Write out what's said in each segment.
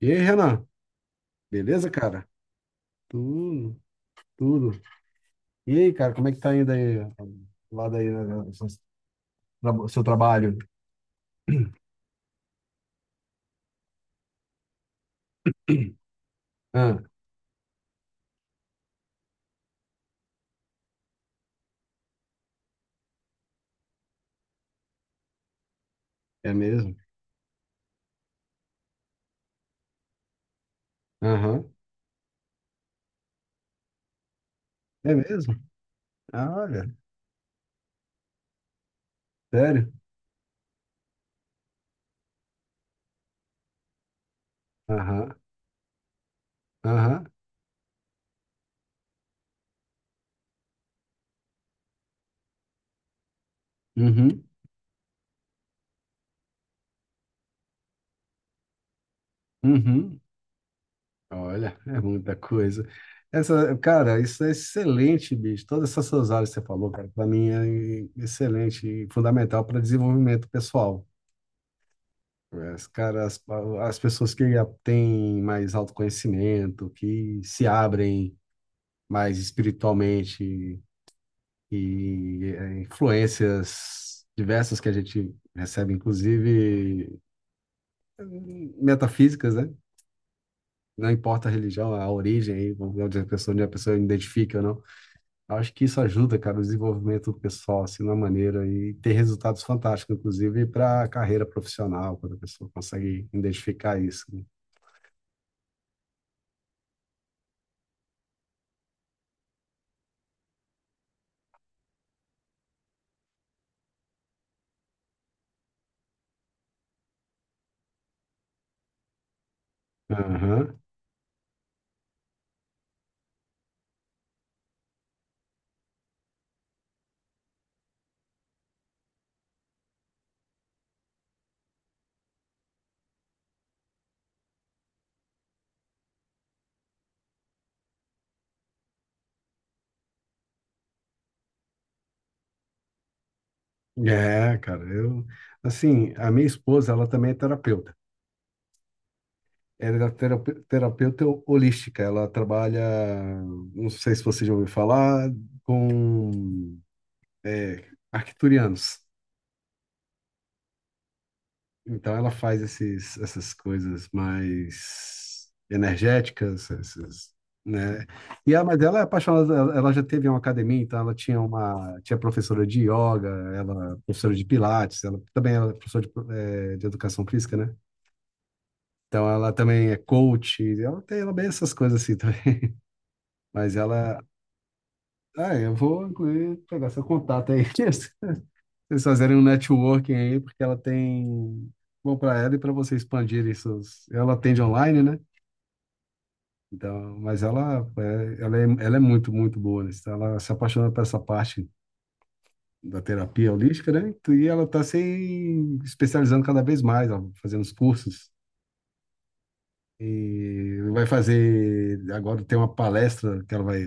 E aí, Renan? Beleza, cara? Tudo, tudo. E aí, cara, como é que tá indo aí, lá daí, né, o seu trabalho? Ah, é mesmo? Aham. É mesmo? Ah, olha, sério? Aham, aham, uhum, uhum. Olha, é muita coisa. Essa, cara, isso é excelente, bicho. Todas essas suas áreas que você falou, cara, para mim é excelente e fundamental para desenvolvimento pessoal. Cara, as pessoas que têm mais autoconhecimento, que se abrem mais espiritualmente e influências diversas que a gente recebe, inclusive metafísicas, né? Não importa a religião, a origem, aí, vamos ver onde a pessoa identifica ou não. Eu acho que isso ajuda, cara, o desenvolvimento pessoal, assim, de uma maneira, e ter resultados fantásticos, inclusive para a carreira profissional, quando a pessoa consegue identificar isso, né? Aham. É, cara, eu, assim, a minha esposa, ela também é terapeuta. Ela é terapeuta holística. Ela trabalha, não sei se você já ouviu falar, com é, arcturianos. Então, ela faz essas coisas mais energéticas, esses, né? E ela, mas ela é apaixonada. Ela já teve uma academia, então ela tinha professora de yoga, ela é professora de pilates, ela também era professora de educação física, né? Então ela também é coach, ela é bem essas coisas assim também. Mas eu vou incluir pegar seu contato aí. Vocês fazerem um networking aí, porque ela tem bom para ela e para você expandir isso. Ela atende online, né? Então, mas ela é muito, muito boa nisso. Então, ela se apaixonou por essa parte da terapia holística, né? E ela está se especializando cada vez mais, ó, fazendo os cursos. E vai fazer, agora tem uma palestra que ela vai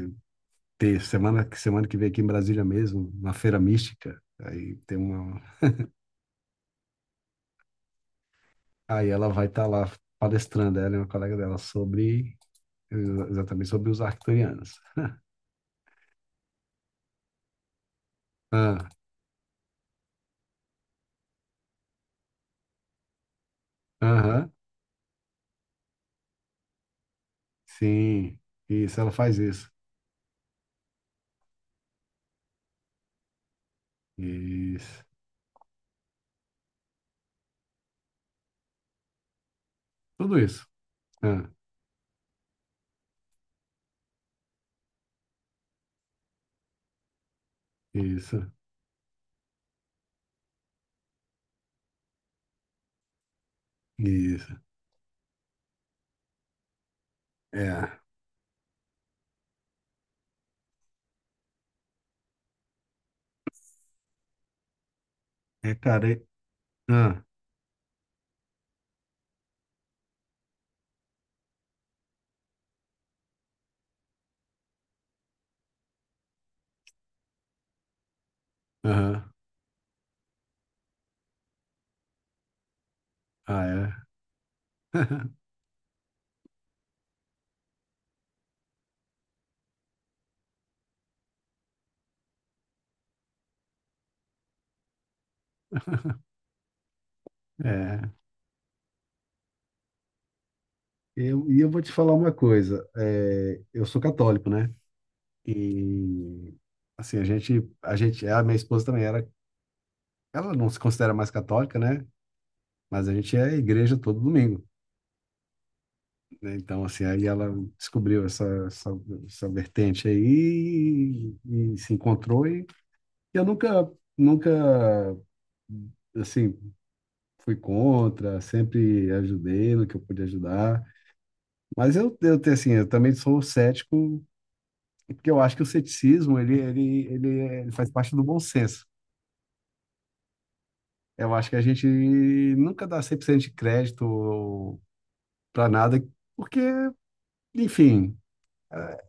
ter semana que vem aqui em Brasília mesmo, na Feira Mística. Aí ela vai estar lá palestrando, ela e uma colega dela sobre exatamente sobre os arcturianos. Ah, aham, sim. Isso, ela faz isso. Isso. Tudo isso. Ah, isso. Isso. É. É, cara. É. Ah, aham. Ah, é. É. E eu vou te falar uma coisa. É, eu sou católico, né? E assim, a minha esposa também era, ela não se considera mais católica, né? Mas a gente é à igreja todo domingo, né? Então, assim, aí ela descobriu essa vertente aí e, se encontrou e eu nunca, nunca, assim, fui contra, sempre ajudei no que eu pude ajudar. Mas eu tenho, assim, eu também sou cético, porque eu acho que o ceticismo, ele faz parte do bom senso. Eu acho que a gente nunca dá 100% de crédito para nada, porque, enfim, é,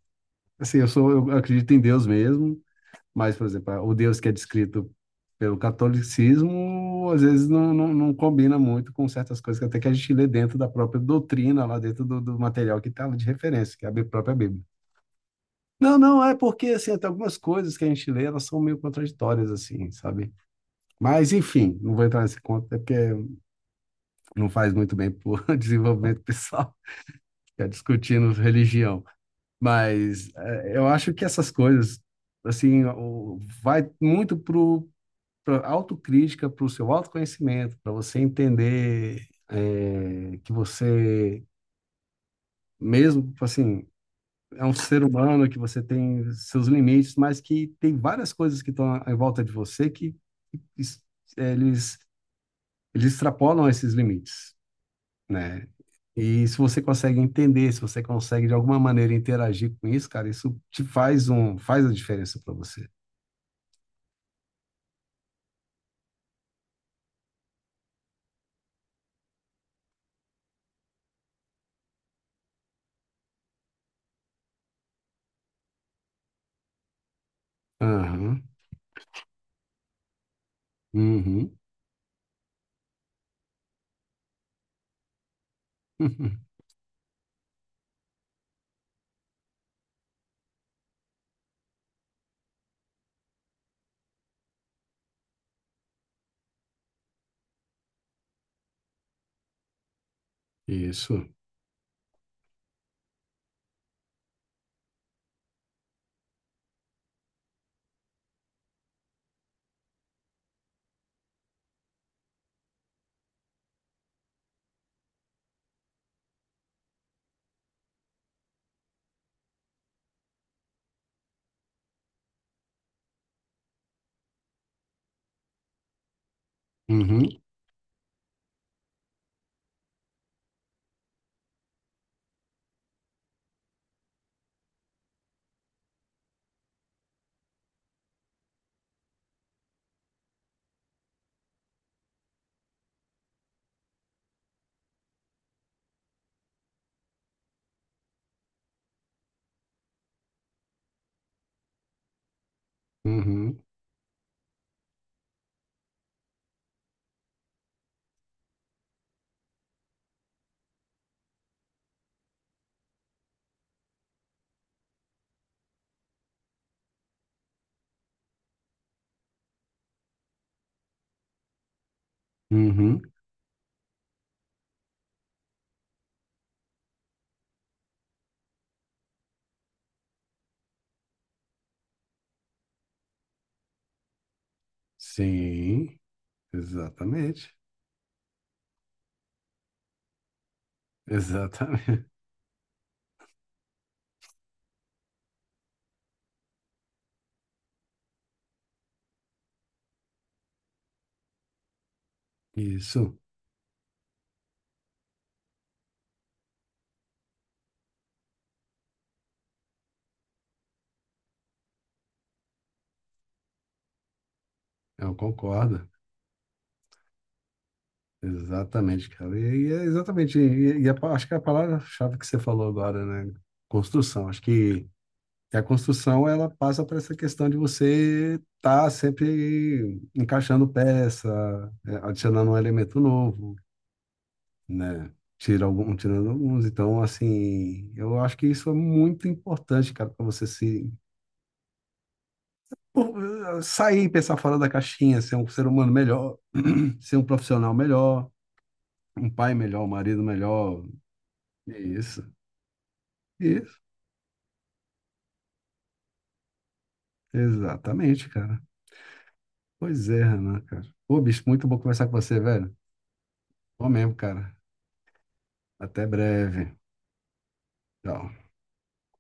assim, eu sou, eu acredito em Deus mesmo, mas, por exemplo, o Deus que é descrito pelo catolicismo, às vezes não, não, não combina muito com certas coisas que até que a gente lê dentro da própria doutrina, lá dentro do, do material que está de referência, que é a própria Bíblia. Não, não, é porque, assim, até algumas coisas que a gente lê, elas são meio contraditórias, assim, sabe? Mas, enfim, não vou entrar nesse conto, é porque não faz muito bem para o desenvolvimento pessoal, ficar discutindo religião. Mas eu acho que essas coisas, assim, vai muito pra autocrítica, para o seu autoconhecimento, para você entender que você, mesmo, assim, é um ser humano, que você tem seus limites, mas que tem várias coisas que estão em volta de você que es- eles, eles extrapolam esses limites, né? E se você consegue entender, se você consegue de alguma maneira interagir com isso, cara, isso faz a diferença para você. Aham. Uhum. Isso. Uhum. Uhum. Uhum. Sim, exatamente. Exatamente. Isso. Eu concordo. Exatamente, cara. E é exatamente. Acho que a palavra-chave que você falou agora, né? Construção. Acho que E a construção, ela passa por essa questão de você estar sempre encaixando peça, adicionando um elemento novo, né? Tirando alguns. Então, assim, eu acho que isso é muito importante, cara, para você se pô, sair, pensar fora da caixinha, ser um ser humano melhor, ser um profissional melhor, um pai melhor, um marido melhor. Isso, isso, exatamente, cara. Pois é, Renan, cara. Ô, bicho, muito bom conversar com você, velho. Bom mesmo, cara. Até breve. Tchau.